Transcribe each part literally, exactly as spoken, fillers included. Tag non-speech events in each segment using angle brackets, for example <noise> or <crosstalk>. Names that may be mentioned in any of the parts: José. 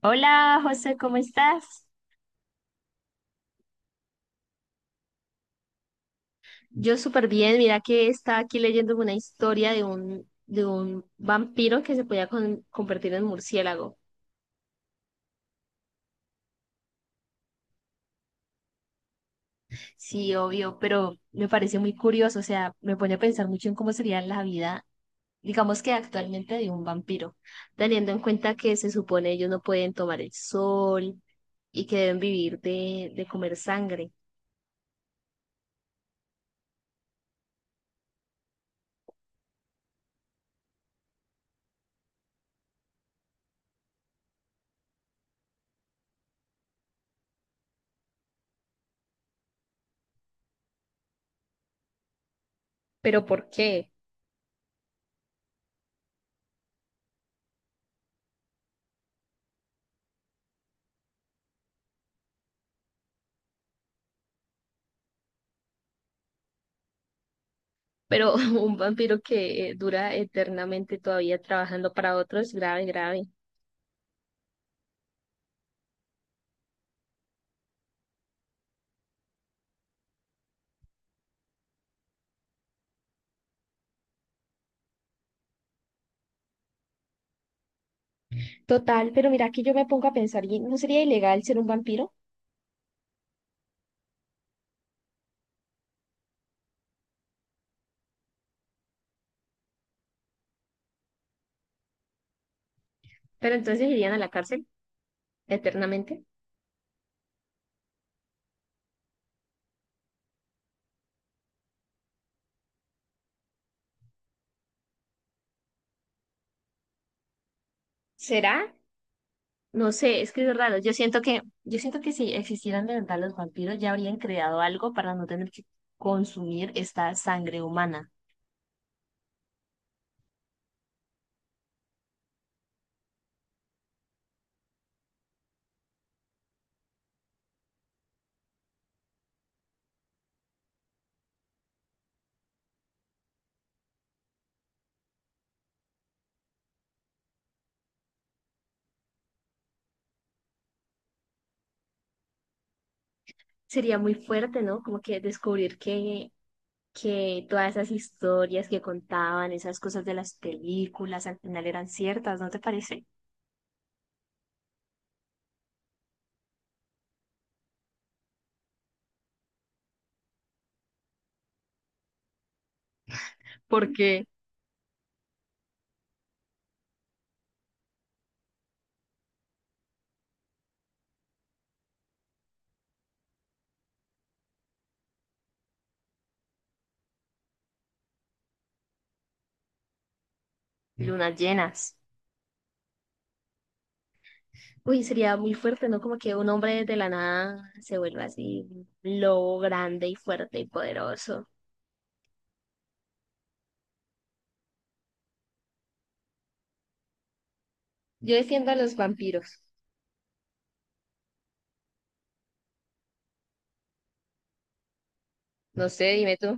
Hola José, ¿cómo estás? Yo súper bien, mira que estaba aquí leyendo una historia de un, de un vampiro que se podía con- convertir en murciélago. Sí, obvio, pero me parece muy curioso, o sea, me pone a pensar mucho en cómo sería la vida, digamos que actualmente de un vampiro, teniendo en cuenta que se supone ellos no pueden tomar el sol y que deben vivir de, de comer sangre. ¿Pero por qué? Pero <laughs> un vampiro que eh, dura eternamente todavía trabajando para otros, grave, grave. Total, pero mira, aquí yo me pongo a pensar, ¿y no sería ilegal ser un vampiro? Pero entonces irían a la cárcel eternamente. ¿Será? No sé, es que es raro. Yo siento que, yo siento que si existieran de verdad los vampiros, ya habrían creado algo para no tener que consumir esta sangre humana. Sería muy fuerte, ¿no? Como que descubrir que que todas esas historias que contaban, esas cosas de las películas, al final eran ciertas, ¿no te parece? Porque lunas llenas. Uy, sería muy fuerte, ¿no? Como que un hombre de la nada se vuelva así, un lobo grande y fuerte y poderoso. Yo defiendo a los vampiros. No sé, dime tú.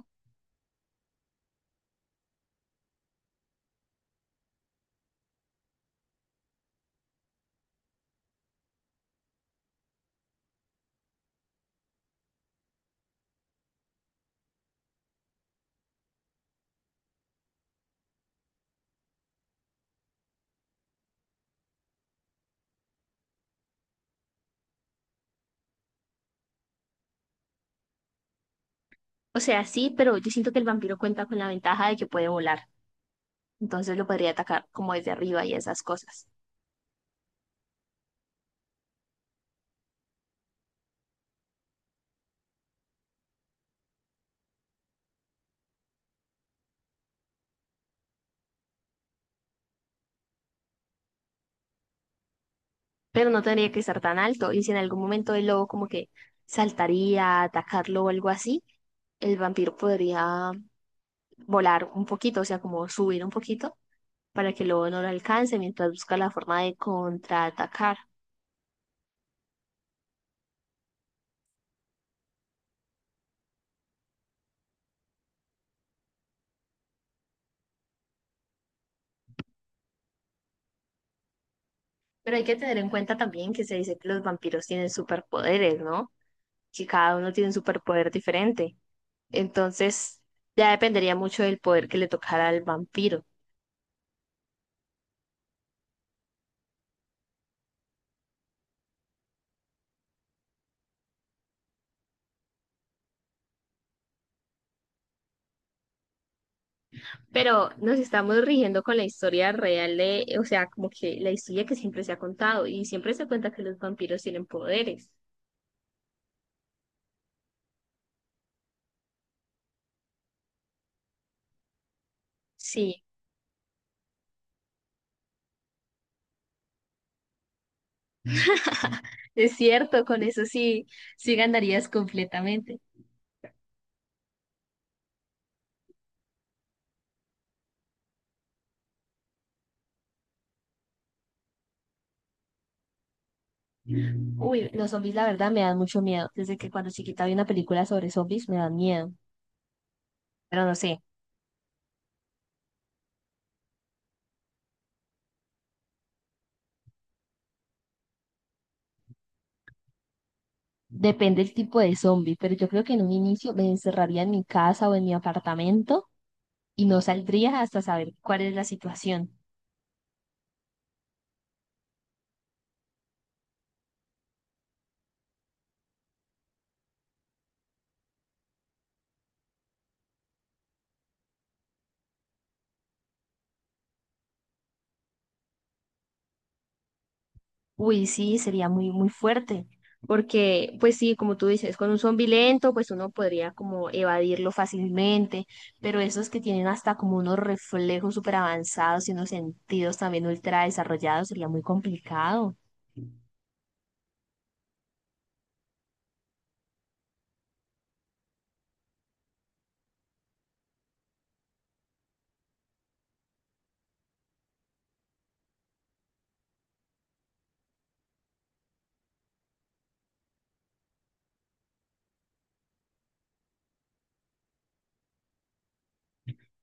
O sea, sí, pero yo siento que el vampiro cuenta con la ventaja de que puede volar. Entonces lo podría atacar como desde arriba y esas cosas. Pero no tendría que estar tan alto. Y si en algún momento el lobo como que saltaría a atacarlo o algo así, el vampiro podría volar un poquito, o sea, como subir un poquito para que el lobo no lo alcance mientras busca la forma de contraatacar. Pero hay que tener en cuenta también que se dice que los vampiros tienen superpoderes, ¿no? Que cada uno tiene un superpoder diferente. Entonces, ya dependería mucho del poder que le tocara al vampiro. Pero nos estamos rigiendo con la historia real de, o sea, como que la historia que siempre se ha contado y siempre se cuenta que los vampiros tienen poderes. Sí, <laughs> es cierto, con eso sí, sí ganarías completamente. Uy, los zombies la verdad me dan mucho miedo. Desde que cuando chiquita vi una película sobre zombies me dan miedo. Pero no sé, depende el tipo de zombie, pero yo creo que en un inicio me encerraría en mi casa o en mi apartamento y no saldría hasta saber cuál es la situación. Uy, sí, sería muy, muy fuerte, porque pues sí, como tú dices, con un zombi lento, pues uno podría como evadirlo fácilmente, pero esos que tienen hasta como unos reflejos súper avanzados y unos sentidos también ultra desarrollados, sería muy complicado.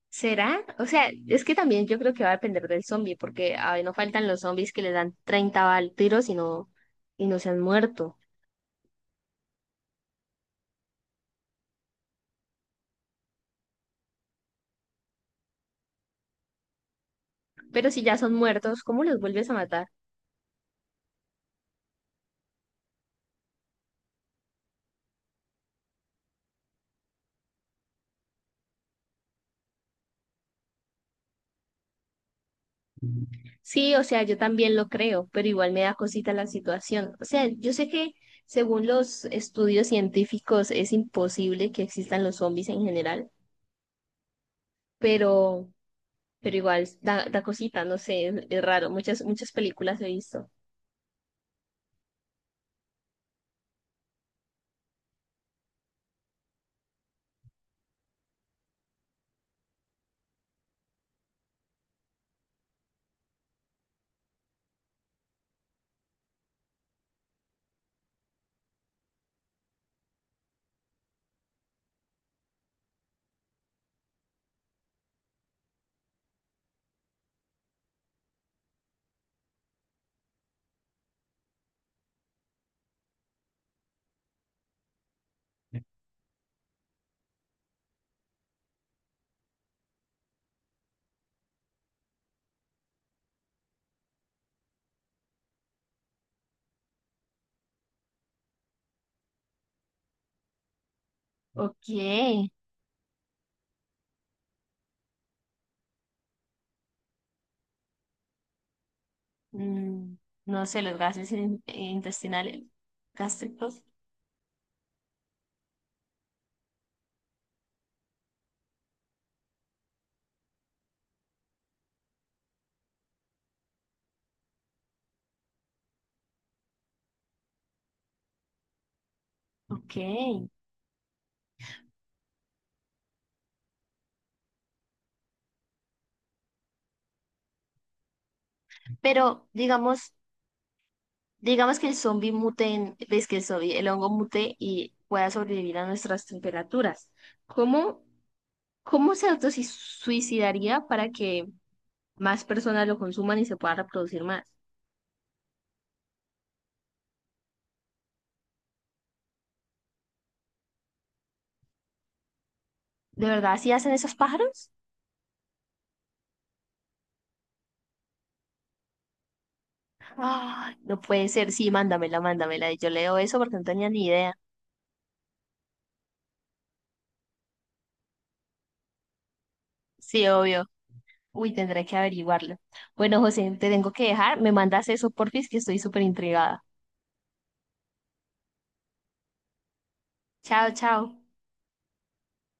¿Será? O sea, es que también yo creo que va a depender del zombie, porque a ver, no faltan los zombies que le dan treinta bal- tiros y no, y no se han muerto. Pero si ya son muertos, ¿cómo los vuelves a matar? Sí, o sea, yo también lo creo, pero igual me da cosita la situación. O sea, yo sé que según los estudios científicos es imposible que existan los zombies en general, pero, pero igual da, da cosita, no sé, es, es raro. Muchas, muchas películas he visto. Ok. Mm, no sé, los gases in- intestinales, gástricos. Ok. Pero digamos, Digamos que el zombie mute, en- ves que el zombie, el hongo mute y pueda sobrevivir a nuestras temperaturas. ¿Cómo, cómo se autosuicidaría para que más personas lo consuman y se pueda reproducir más? ¿De verdad así hacen esos pájaros? Ay, no puede ser. Sí, mándamela, mándamela. Y yo leo eso porque no tenía ni idea. Sí, obvio. Uy, tendré que averiguarlo. Bueno, José, te tengo que dejar. Me mandas eso, porfis, que estoy súper intrigada. Chao, chao.